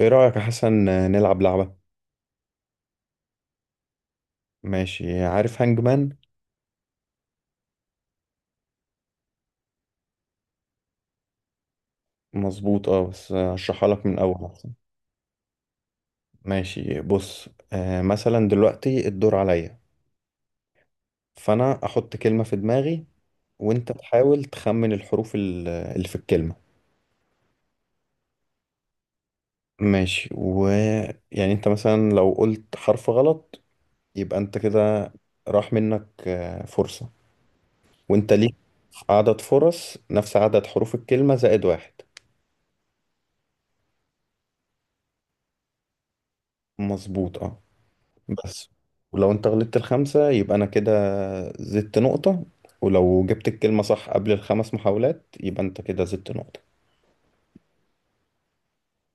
ايه رأيك يا حسن؟ نلعب لعبة. ماشي. عارف هانج مان؟ مظبوط، اه. بس هشرحها لك من اول احسن. ماشي. بص، مثلا دلوقتي الدور عليا. فانا احط كلمة في دماغي، وانت تحاول تخمن الحروف اللي في الكلمة. ماشي. ويعني انت مثلا لو قلت حرف غلط، يبقى انت كده راح منك فرصة. وانت ليك عدد فرص نفس عدد حروف الكلمة زائد واحد. مظبوط، اه. بس ولو انت غلطت الخمسة يبقى انا كده زدت نقطة. ولو جبت الكلمة صح قبل الخمس محاولات يبقى انت كده زدت نقطة.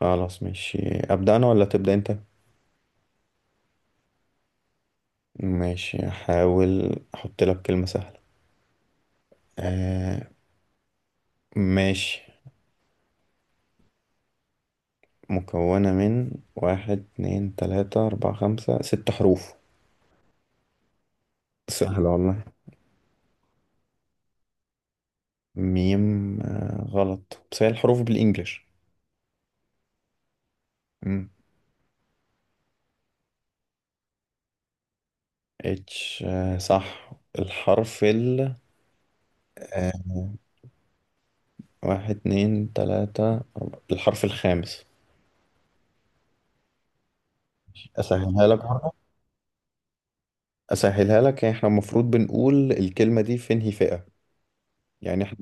خلاص، ماشي. ابدأ انا ولا تبدأ انت؟ ماشي، احاول احط لك كلمة سهلة. آه ماشي. مكونة من واحد، اتنين، تلاتة، اربعة، خمسة، ست حروف. سهلة والله. ميم؟ غلط. بس هي الحروف بالانجلش. مم. اتش؟ صح. الحرف ال آه، واحد، اتنين، تلاتة، أربعة. الحرف الخامس. أسهلها لك برضه. أسهلها لك، يعني إحنا المفروض بنقول الكلمة دي في انهي فئة. يعني إحنا...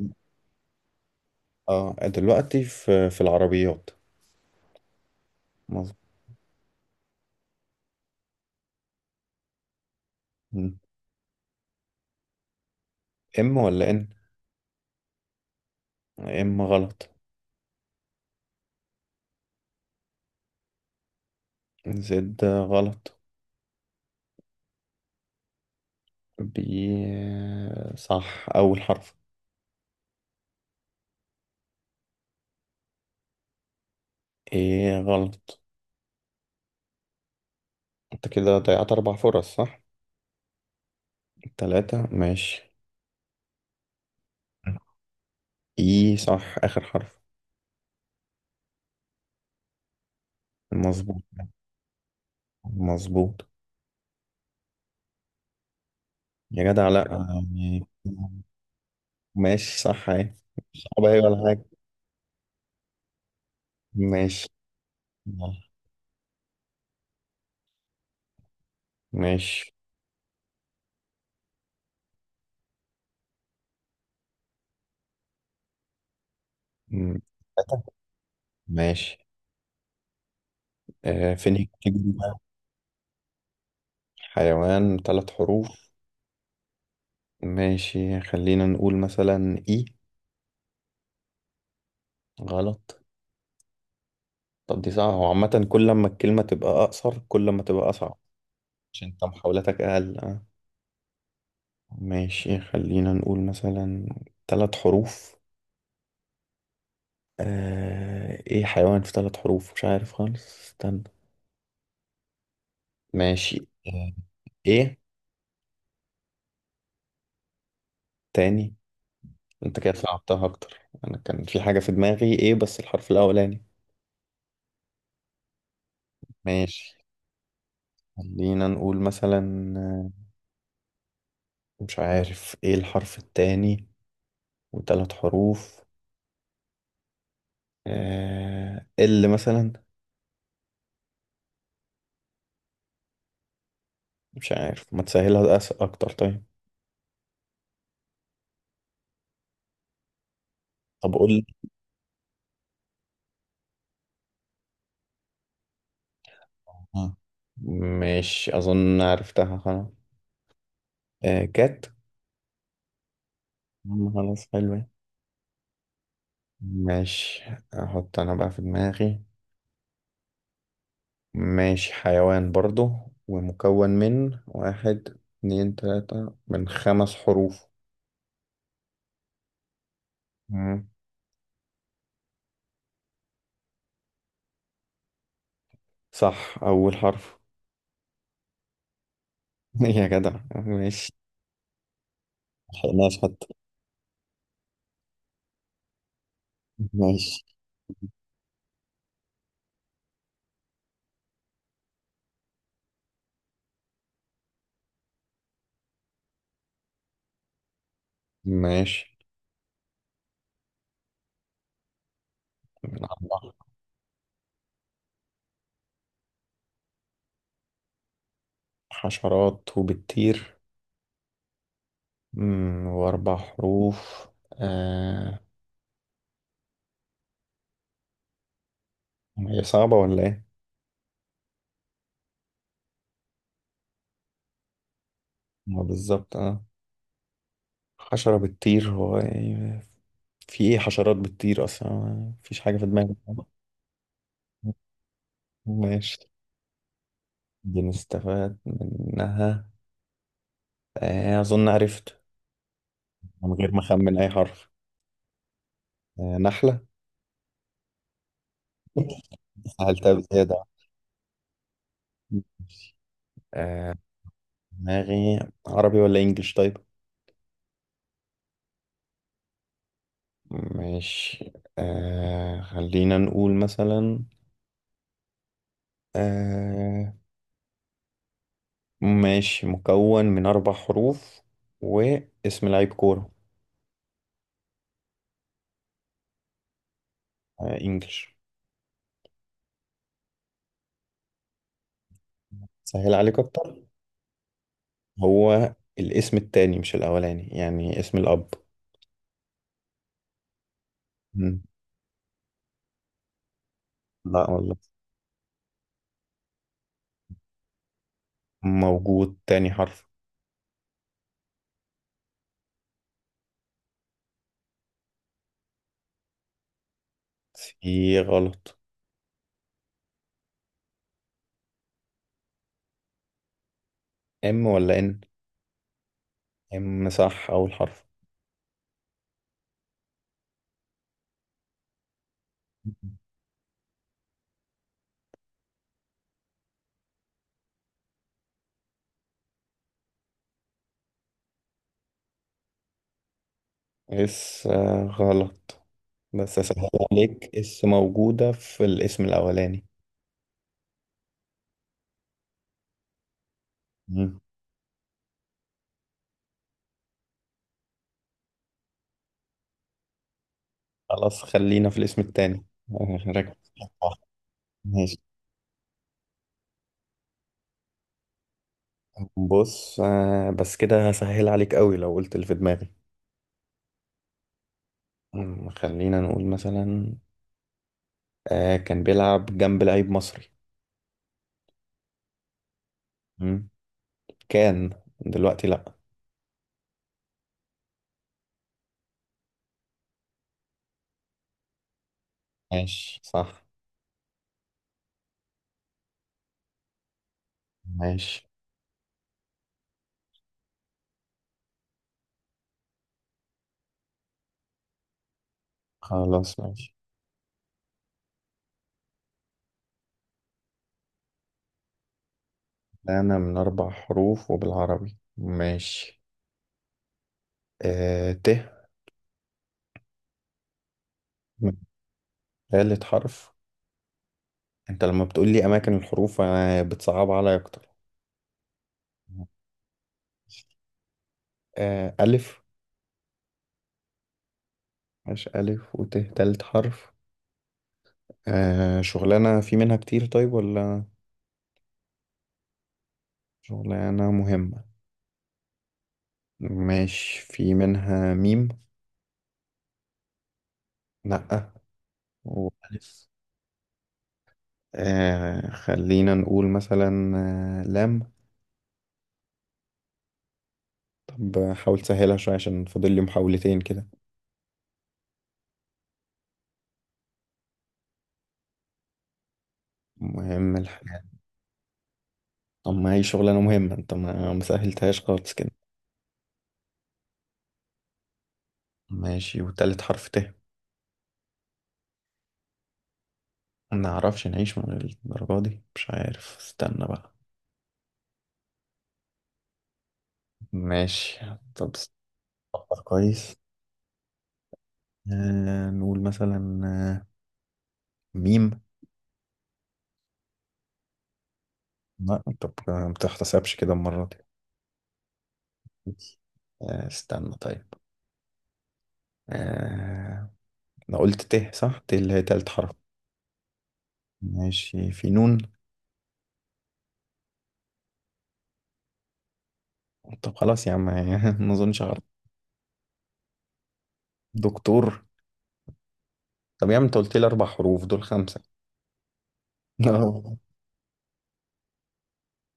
دلوقتي في العربيات. مظبوط. مم. إم ولا إن؟ إم غلط. زد غلط. بي، صح أول حرف. إيه غلط. أنت كده ضيعت أربع فرص صح؟ تلاتة، ماشي. إيه، صح آخر حرف. مظبوط. مظبوط. يا جدع لأ. يعني... ماشي، صح اهي. صعبة اهي ولا حاجة؟ ماشي. ماشي. مم. ماشي. فين الكاتيجوري بقى؟ حيوان، ثلاث حروف. ماشي، خلينا نقول مثلا اي. غلط. طب دي صعبة. هو عامة كل ما الكلمة تبقى أقصر، كل ما تبقى أصعب. عشان انت محاولاتك أقل. ماشي، خلينا نقول مثلا... ثلاث حروف. ايه حيوان في ثلاث حروف؟ مش عارف خالص، استنى. ماشي. آه، ايه. تاني. انت كده صعبتها اكتر. انا كان في حاجة في دماغي ايه، بس الحرف الاولاني... ماشي، خلينا نقول مثلا... مش عارف ايه الحرف التاني. وثلاث حروف. اللي مثلا... مش عارف. ما تسهلها اكتر طيب. طب قول لي. آه، ماشي، اظن عرفتها خلاص. كات. مم، خلاص حلوة. ماشي، احط انا بقى في دماغي. ماشي، حيوان برضه. ومكون من واحد، اتنين، تلاتة، من خمس حروف. مم. صح، أول حرف. يا جدع، ماشي. ملحقناش حتى. ماشي. ماشي، من أربع. حشرات وبتطير؟ مم، وأربع حروف. هي صعبة ولا إيه؟ ما بالظبط حشرة بتطير هو إيه؟ في إيه حشرات بتطير أصلا؟ مفيش حاجة في دماغي. ماشي. دي نستفاد منها. أظن عرفت. من غير ما أخمن أي حرف. نحلة. سهلتها بزيادة. آه، دماغي عربي ولا إنجليش طيب؟ ماشي. خلينا نقول مثلا آه، ماشي. مكون من أربع حروف واسم لعيب كورة. إنجليش. سهل عليك أكتر. هو الاسم التاني مش الأولاني، يعني اسم الأب. مم. لا والله. موجود، تاني حرف. سي غلط. ام ولا ان؟ ام، صح اول حرف. اس غلط. بس اسهل عليك، اس موجودة في الاسم الاولاني. مم. خلاص، خلينا في الاسم التاني. ركز. ماشي. بص، بس كده هسهل عليك قوي لو قلت اللي في دماغي. مم، خلينا نقول مثلا... كان بيلعب جنب لعيب مصري. مم. كان... دلوقتي لا. ماشي صح. ماشي. خلاص، ماشي. أنا من أربع حروف وبالعربي، ماشي. ت. من... ثالث حرف. أنت لما بتقول لي أماكن الحروف أنا بتصعب عليا أكتر. ألف. ماشي. ألف وت ثالث حرف. شغلانة في منها كتير طيب ولا؟ شغلانة مهمة؟ ماشي، في منها ميم؟ لأ. وألف. خلينا نقول مثلا... لام. طب حاول تسهلها شوية عشان فاضل لي محاولتين كده. مهم الحاجة؟ طب ما هي شغلانة مهمة، انت ما مسهلتهاش خالص كده. ماشي، وتالت حرف ت. ما نعرفش نعيش من الدرجة دي؟ مش عارف، استنى بقى. ماشي. طب استنى. كويس. نقول مثلا ميم. لا انت ما بتحتسبش كده المرة دي. استنى طيب. آه انا قلت ت صح. ت اللي هي تالت حرف. ماشي، في نون؟ طب خلاص يا عم. ما اظنش عارف. دكتور؟ طب يا عم انت قلت لي اربع حروف، دول خمسة.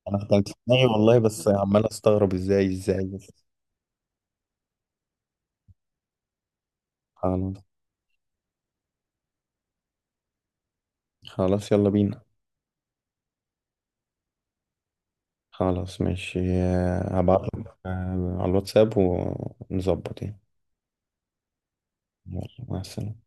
انا كنت في دماغي والله، بس عمال استغرب ازاي ازاي بس. خلاص خلاص، يلا بينا. خلاص ماشي. هبعتلك على الواتساب ونظبط يعني. يلا مع السلامة.